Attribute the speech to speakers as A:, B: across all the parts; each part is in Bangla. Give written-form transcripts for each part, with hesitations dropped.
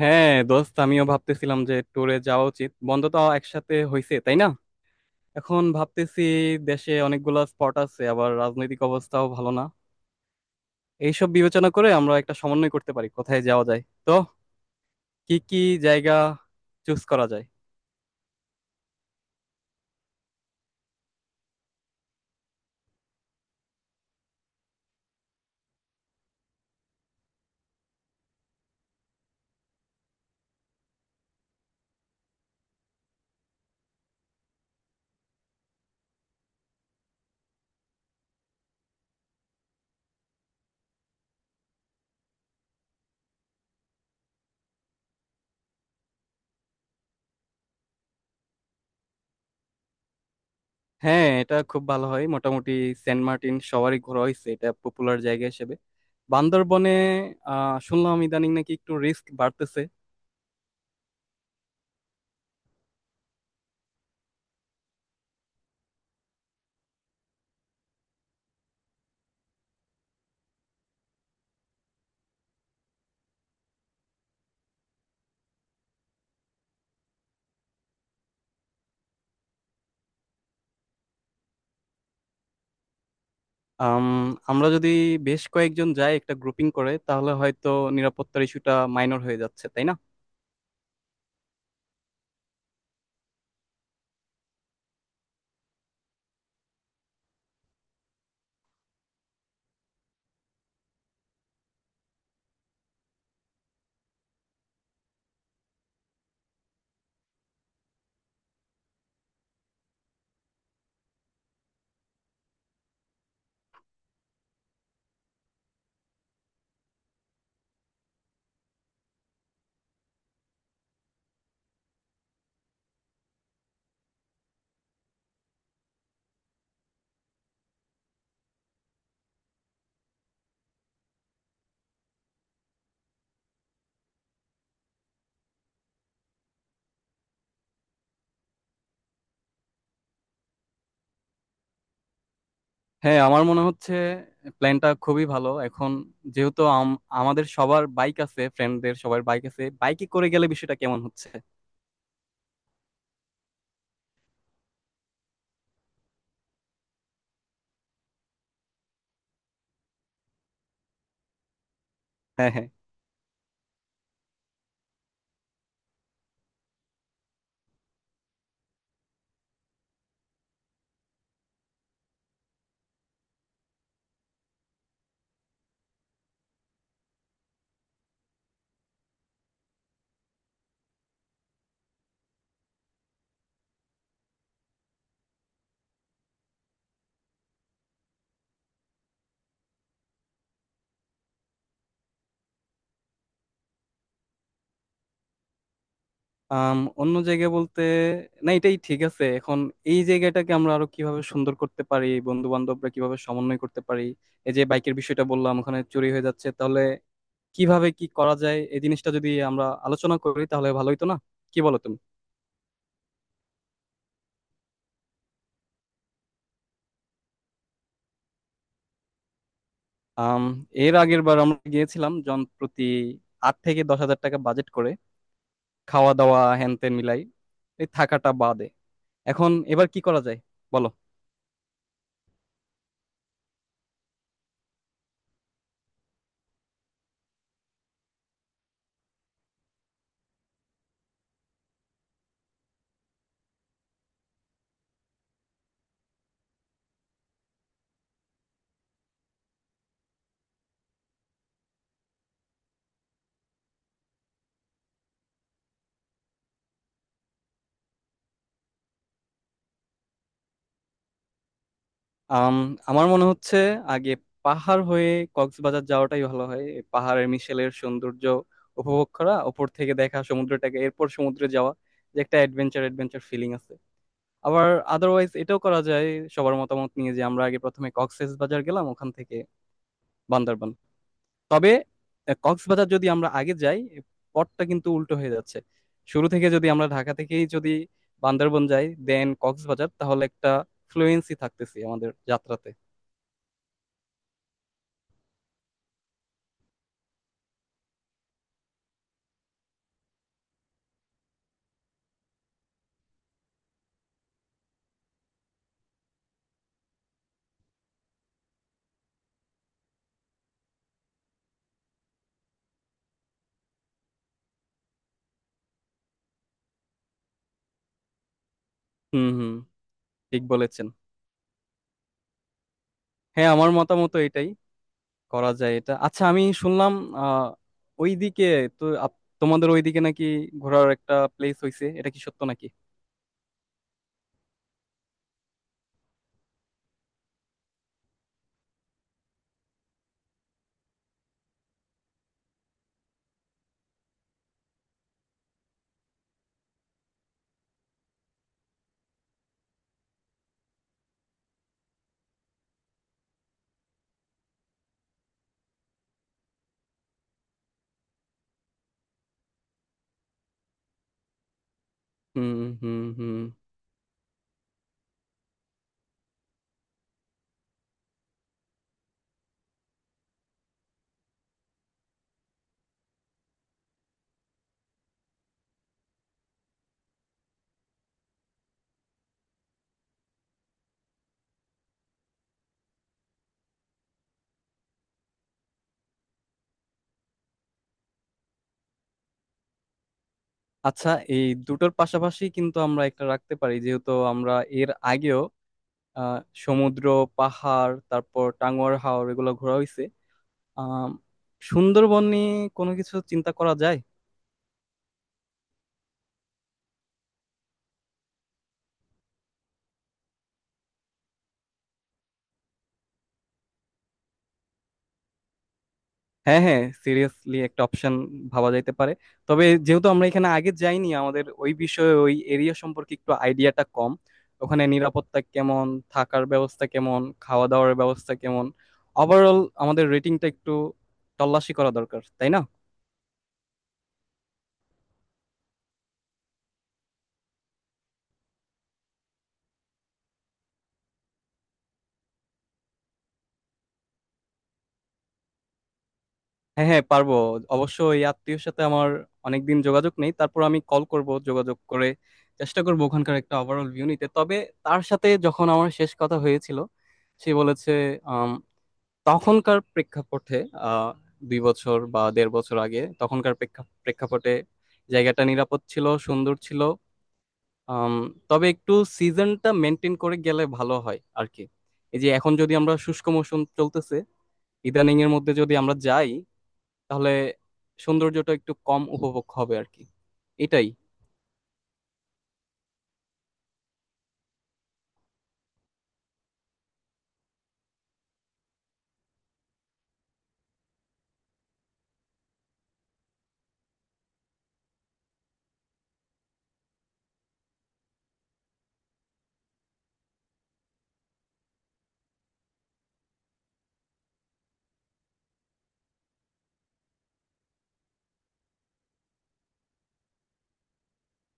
A: হ্যাঁ দোস্ত, আমিও ভাবতেছিলাম যে ট্যুরে যাওয়া উচিত। বন্ধ তো একসাথে হয়েছে, তাই না? এখন ভাবতেছি, দেশে অনেকগুলা স্পট আছে, আবার রাজনৈতিক অবস্থাও ভালো না। এইসব বিবেচনা করে আমরা একটা সমন্বয় করতে পারি কোথায় যাওয়া যায়। তো কি কি জায়গা চুজ করা যায়? হ্যাঁ, এটা খুব ভালো হয়। মোটামুটি সেন্ট মার্টিন সবারই ঘোরা হয়েছে, এটা পপুলার জায়গা হিসেবে। বান্দরবনে শুনলাম ইদানিং নাকি একটু রিস্ক বাড়তেছে। আম, আমরা যদি বেশ কয়েকজন যাই একটা গ্রুপিং করে, তাহলে হয়তো নিরাপত্তার ইস্যুটা মাইনর হয়ে যাচ্ছে, তাই না? হ্যাঁ, আমার মনে হচ্ছে প্ল্যানটা খুবই ভালো। এখন যেহেতু আমাদের সবার বাইক আছে, ফ্রেন্ডদের সবার বাইক আছে, বাইকে করে গেলে বিষয়টা কেমন হচ্ছে? হ্যাঁ, হ্যাঁ। অন্য জায়গায় বলতে, না, এটাই ঠিক আছে। এখন এই জায়গাটাকে আমরা আরো কিভাবে সুন্দর করতে পারি, বন্ধু বান্ধবরা কিভাবে সমন্বয় করতে পারি, এই যে বাইকের বিষয়টা বললাম ওখানে চুরি হয়ে যাচ্ছে, তাহলে কিভাবে কি করা যায়, এই জিনিসটা যদি আমরা আলোচনা করি তাহলে ভালো হইতো না? কি বলো তুমি? আম, এর আগের বার আমরা গিয়েছিলাম জন প্রতি 8 থেকে 10,000 টাকা বাজেট করে। খাওয়া দাওয়া হ্যান ত্যান মিলাই, এই থাকাটা বাদে। এখন এবার কি করা যায় বলো? আম, আমার মনে হচ্ছে আগে পাহাড় হয়ে কক্সবাজার যাওয়াটাই ভালো হয়। এই পাহাড়ের মিশেলের সৌন্দর্য উপভোগ করা, ওপর থেকে দেখা সমুদ্রটাকে, এরপর সমুদ্রে যাওয়া, যে একটা অ্যাডভেঞ্চার অ্যাডভেঞ্চার ফিলিং আছে। আবার আদারওয়াইজ এটাও করা যায়, সবার মতামত নিয়ে, যে আমরা আগে প্রথমে কক্সবাজার গেলাম, ওখান থেকে বান্দরবান। তবে কক্সবাজার যদি আমরা আগে যাই, পথটা কিন্তু উল্টো হয়ে যাচ্ছে। শুরু থেকে যদি আমরা ঢাকা থেকেই যদি বান্দরবন যাই দেন কক্সবাজার, তাহলে একটা ফ্লুয়েন্সি থাকতেছে আমাদের যাত্রাতে। হুম হুম। ঠিক বলেছেন। হ্যাঁ, আমার মতামত এটাই, করা যায় এটা। আচ্ছা, আমি শুনলাম আহ ওইদিকে, তো তোমাদের ওইদিকে নাকি ঘোরার একটা প্লেস হয়েছে, এটা কি সত্য নাকি? হুম হুম হুম। আচ্ছা, এই দুটোর পাশাপাশি কিন্তু আমরা একটা রাখতে পারি। যেহেতু আমরা এর আগেও আহ, সমুদ্র, পাহাড়, তারপর টাঙ্গুয়ার হাওর, এগুলো ঘোরা হয়েছে, আহ সুন্দরবন নিয়ে কোনো কিছু চিন্তা করা যায়। হ্যাঁ হ্যাঁ, সিরিয়াসলি একটা অপশন ভাবা যাইতে পারে। তবে যেহেতু আমরা এখানে আগে যাইনি, আমাদের ওই বিষয়ে, ওই এরিয়া সম্পর্কে একটু আইডিয়াটা কম। ওখানে নিরাপত্তা কেমন, থাকার ব্যবস্থা কেমন, খাওয়া দাওয়ার ব্যবস্থা কেমন, ওভারঅল আমাদের রেটিংটা একটু তল্লাশি করা দরকার, তাই না? হ্যাঁ হ্যাঁ, পারবো। অবশ্য এই আত্মীয়র সাথে আমার অনেকদিন যোগাযোগ নেই। তারপর আমি কল করব, যোগাযোগ করে চেষ্টা করব ওখানকার একটা ওভারঅল ভিউ নিতে। তবে তার সাথে যখন আমার শেষ কথা হয়েছিল সে বলেছে, আম, তখনকার প্রেক্ষাপটে, আহ 2 বছর বা দেড় বছর আগে তখনকার প্রেক্ষাপটে, জায়গাটা নিরাপদ ছিল, সুন্দর ছিল। আম, তবে একটু সিজনটা মেনটেন করে গেলে ভালো হয় আর কি। এই যে এখন যদি আমরা, শুষ্ক মৌসুম চলতেছে ইদানিং, এর মধ্যে যদি আমরা যাই, তাহলে সৌন্দর্যটা একটু কম উপভোগ হবে আর কি। এটাই।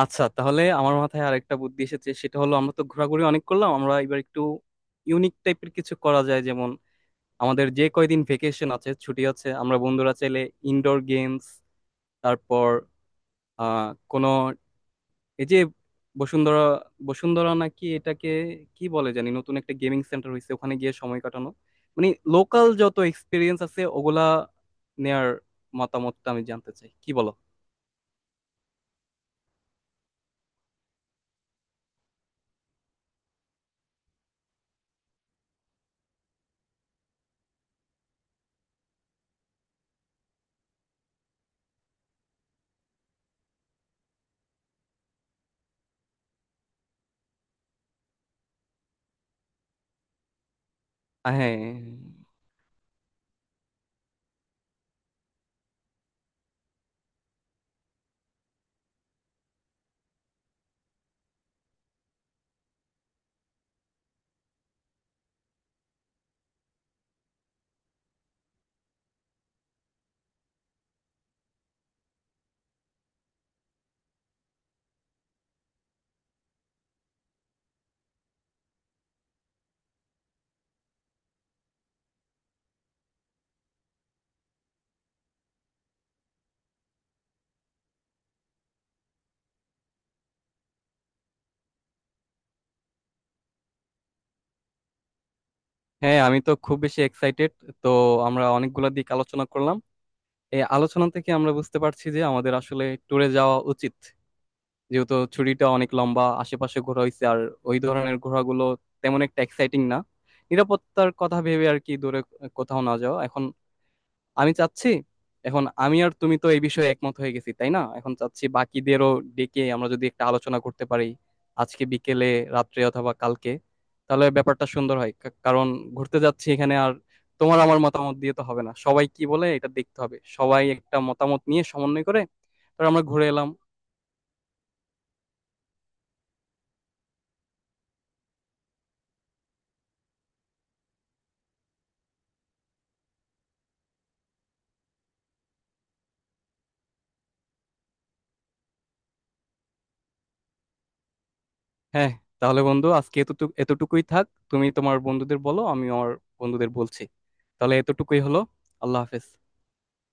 A: আচ্ছা, তাহলে আমার মাথায় আরেকটা বুদ্ধি এসেছে, সেটা হলো আমরা তো ঘোরাঘুরি অনেক করলাম, আমরা এবার একটু ইউনিক টাইপের কিছু করা যায়। যেমন আমাদের যে কয়দিন ভেকেশন আছে, ছুটি আছে, আমরা বন্ধুরা চাইলে ইনডোর গেমস, তারপর কোনো এই যে বসুন্ধরা বসুন্ধরা নাকি এটাকে কি বলে জানি, নতুন একটা গেমিং সেন্টার হয়েছে, ওখানে গিয়ে সময় কাটানো, মানে লোকাল যত এক্সপিরিয়েন্স আছে ওগুলা নেয়ার মতামতটা আমি জানতে চাই। কি বলো? হ্যাঁ হ্যাঁ, আমি তো খুব বেশি এক্সাইটেড। তো আমরা অনেকগুলা দিক আলোচনা করলাম। এই আলোচনা থেকে আমরা বুঝতে পারছি যে আমাদের আসলে ট্যুরে যাওয়া উচিত, যেহেতু ছুটিটা অনেক লম্বা। আশেপাশে ঘোরা হয়েছে আর ওই ধরনের ঘোরাগুলো তেমন একটা এক্সাইটিং না। নিরাপত্তার কথা ভেবে আর কি, দূরে কোথাও না যাওয়া এখন আমি চাচ্ছি। এখন আমি আর তুমি তো এই বিষয়ে একমত হয়ে গেছি, তাই না? এখন চাচ্ছি বাকিদেরও ডেকে আমরা যদি একটা আলোচনা করতে পারি আজকে বিকেলে, রাত্রে অথবা কালকে, তাহলে ব্যাপারটা সুন্দর হয়। কারণ ঘুরতে যাচ্ছি এখানে, আর তোমার আমার মতামত দিয়ে তো হবে না, সবাই কি বলে এটা দেখতে হবে। সবাই একটা মতামত নিয়ে সমন্বয় করে তারপর আমরা ঘুরে এলাম। হ্যাঁ, তাহলে বন্ধু আজকে এতটুকু, এতটুকুই থাক। তুমি তোমার বন্ধুদের বলো, আমি আমার বন্ধুদের বলছি। তাহলে এতটুকুই হলো। আল্লাহ হাফেজ।